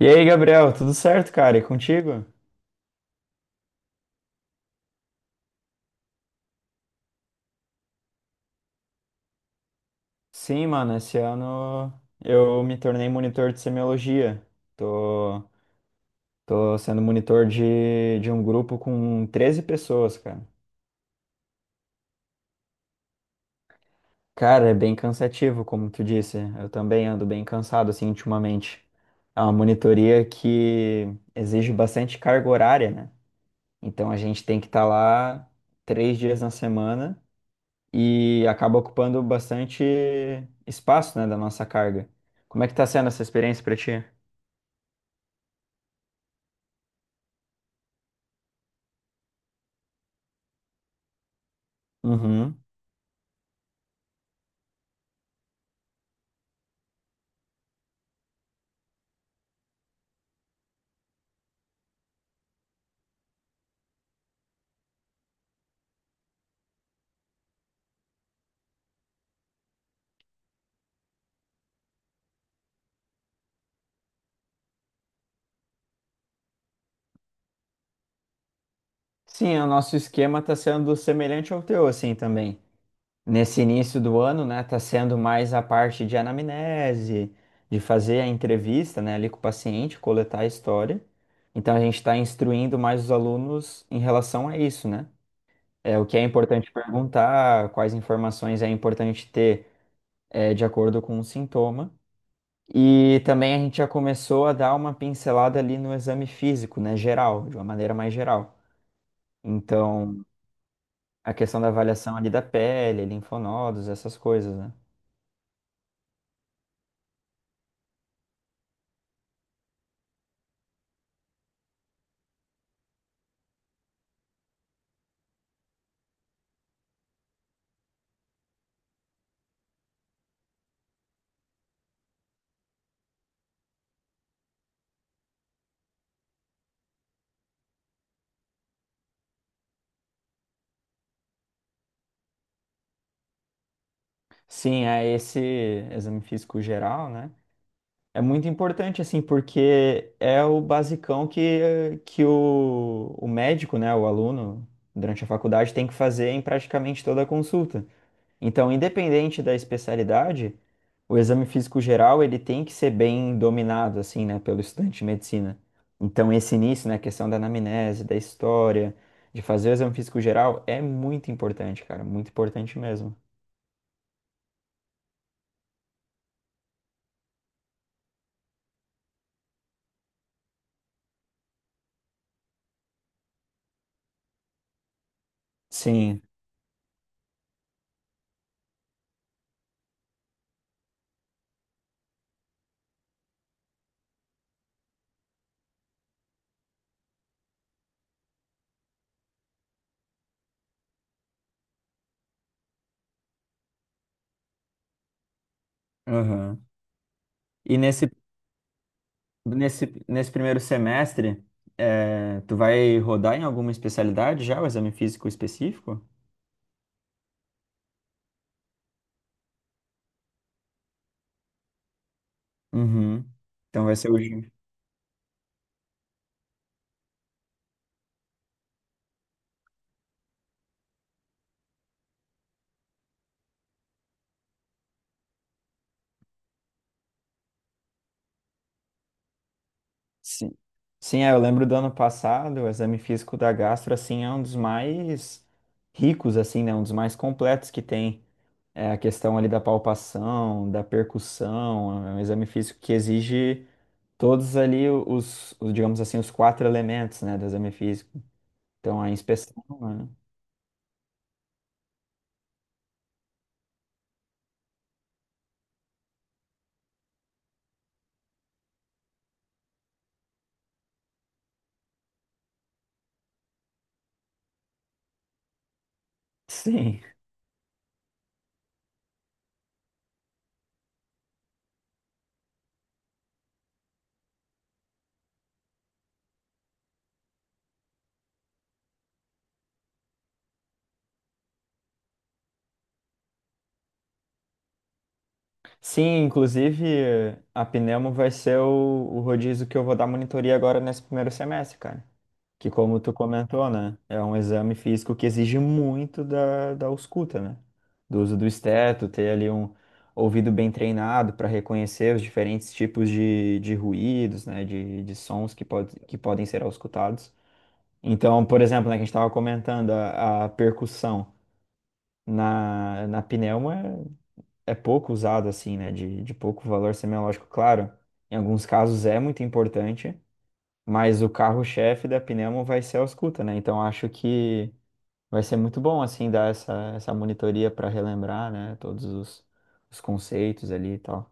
E aí, Gabriel, tudo certo, cara? E contigo? Sim, mano, esse ano eu me tornei monitor de semiologia. Tô, tô sendo monitor de um grupo com 13 pessoas, cara. Cara, é bem cansativo, como tu disse. Eu também ando bem cansado, assim, ultimamente. É uma monitoria que exige bastante carga horária, né? Então a gente tem que estar lá três dias na semana, e acaba ocupando bastante espaço, né, da nossa carga. Como é que tá sendo essa experiência para ti? Uhum. Sim, o nosso esquema está sendo semelhante ao teu, assim, também. Nesse início do ano, né, tá sendo mais a parte de anamnese, de fazer a entrevista, né, ali com o paciente, coletar a história. Então, a gente está instruindo mais os alunos em relação a isso, né? É, o que é importante perguntar, quais informações é importante ter, é, de acordo com o sintoma. E também a gente já começou a dar uma pincelada ali no exame físico, né, geral, de uma maneira mais geral. Então, a questão da avaliação ali da pele, linfonodos, essas coisas, né? Sim, é esse exame físico geral, né? É muito importante, assim, porque é o basicão que o médico, né, o aluno, durante a faculdade, tem que fazer em praticamente toda a consulta. Então, independente da especialidade, o exame físico geral ele tem que ser bem dominado assim, né, pelo estudante de medicina. Então, esse início, né, a questão da anamnese, da história, de fazer o exame físico geral é muito importante, cara, muito importante mesmo. Sim. Aham. E nesse primeiro semestre, é, tu vai rodar em alguma especialidade já o exame físico específico? Uhum. Então vai ser o, sim. Sim, é, eu lembro do ano passado, o exame físico da gastro, assim, é um dos mais ricos, assim, né? Um dos mais completos que tem. É a questão ali da palpação, da percussão, é um exame físico que exige todos ali os, digamos assim, os quatro elementos, né, do exame físico. Então, a inspeção, né? Sim. Sim, inclusive, a pneumo vai ser o rodízio que eu vou dar monitoria agora nesse primeiro semestre, cara. Que como tu comentou, né? É um exame físico que exige muito da, da ausculta, né? Do uso do esteto, ter ali um ouvido bem treinado para reconhecer os diferentes tipos de ruídos, né? De sons que, pode, que podem ser auscultados. Então, por exemplo, né, que a gente estava comentando, a percussão na, na pneuma é, é pouco usada, assim, né? De pouco valor semiológico, claro. Em alguns casos é muito importante, mas o carro-chefe da Pneumo vai ser a ausculta, né? Então acho que vai ser muito bom, assim, dar essa, essa monitoria para relembrar, né? Todos os conceitos ali e tal.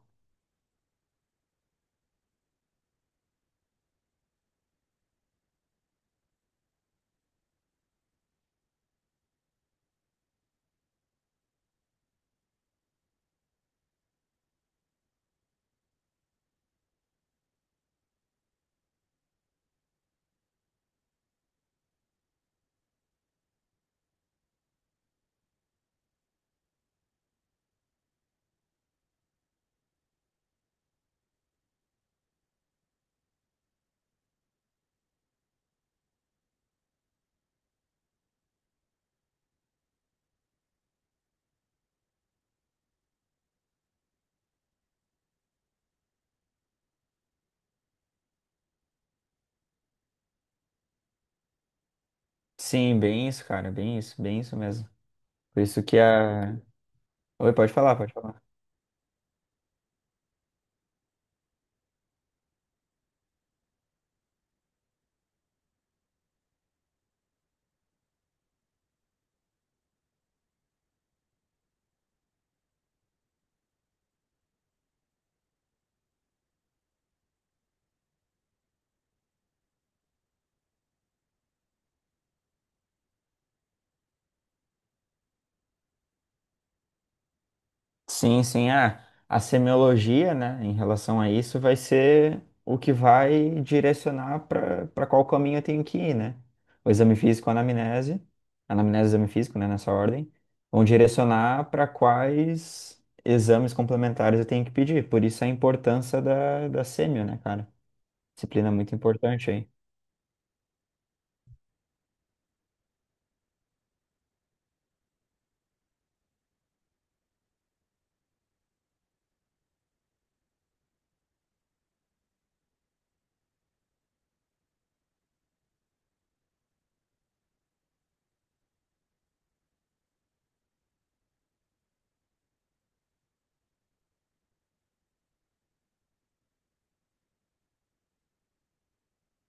Sim, bem isso, cara, bem isso mesmo. Por isso que a. Oi, pode falar, pode falar. Sim, sim. Ah, a semiologia, né, em relação a isso, vai ser o que vai direcionar para para qual caminho eu tenho que ir, né? O exame físico, a anamnese e o exame físico, né, nessa ordem, vão direcionar para quais exames complementares eu tenho que pedir. Por isso a importância da, da semio, né, cara? Disciplina muito importante aí.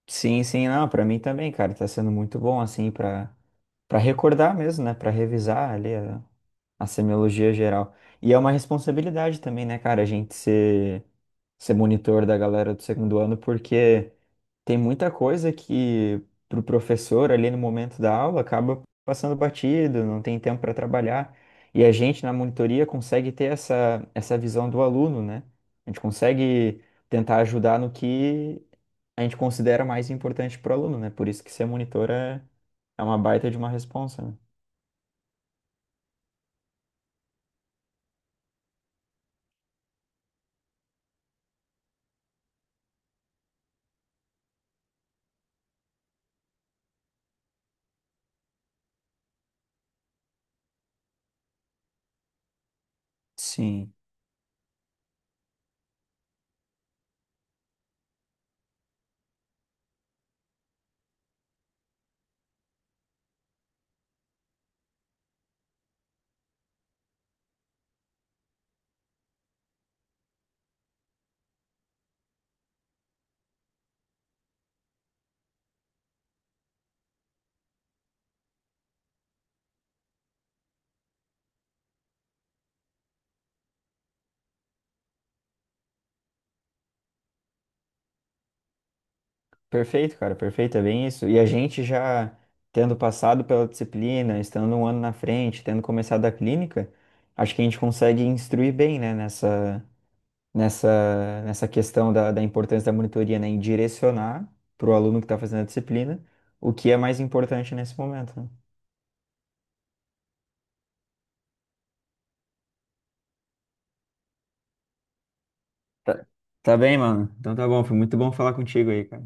Sim, sim, não, para mim também, cara, tá sendo muito bom, assim, para para recordar mesmo, né, para revisar ali a semiologia geral. E é uma responsabilidade também, né, cara, a gente ser, ser monitor da galera do segundo ano, porque tem muita coisa que pro professor ali no momento da aula acaba passando batido, não tem tempo para trabalhar. E a gente na monitoria consegue ter essa, essa visão do aluno, né? A gente consegue tentar ajudar no que a gente considera mais importante pro aluno, né? Por isso que ser monitor é, é uma baita de uma responsa, né? Sim. Perfeito, cara, perfeito, é bem isso. E a gente já tendo passado pela disciplina, estando um ano na frente, tendo começado a clínica, acho que a gente consegue instruir bem, né, nessa questão da, da importância da monitoria, né, em direcionar para o aluno que está fazendo a disciplina o que é mais importante nesse momento, né? Tá, tá bem, mano. Então tá bom, foi muito bom falar contigo aí, cara.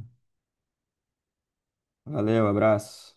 Valeu, abraço.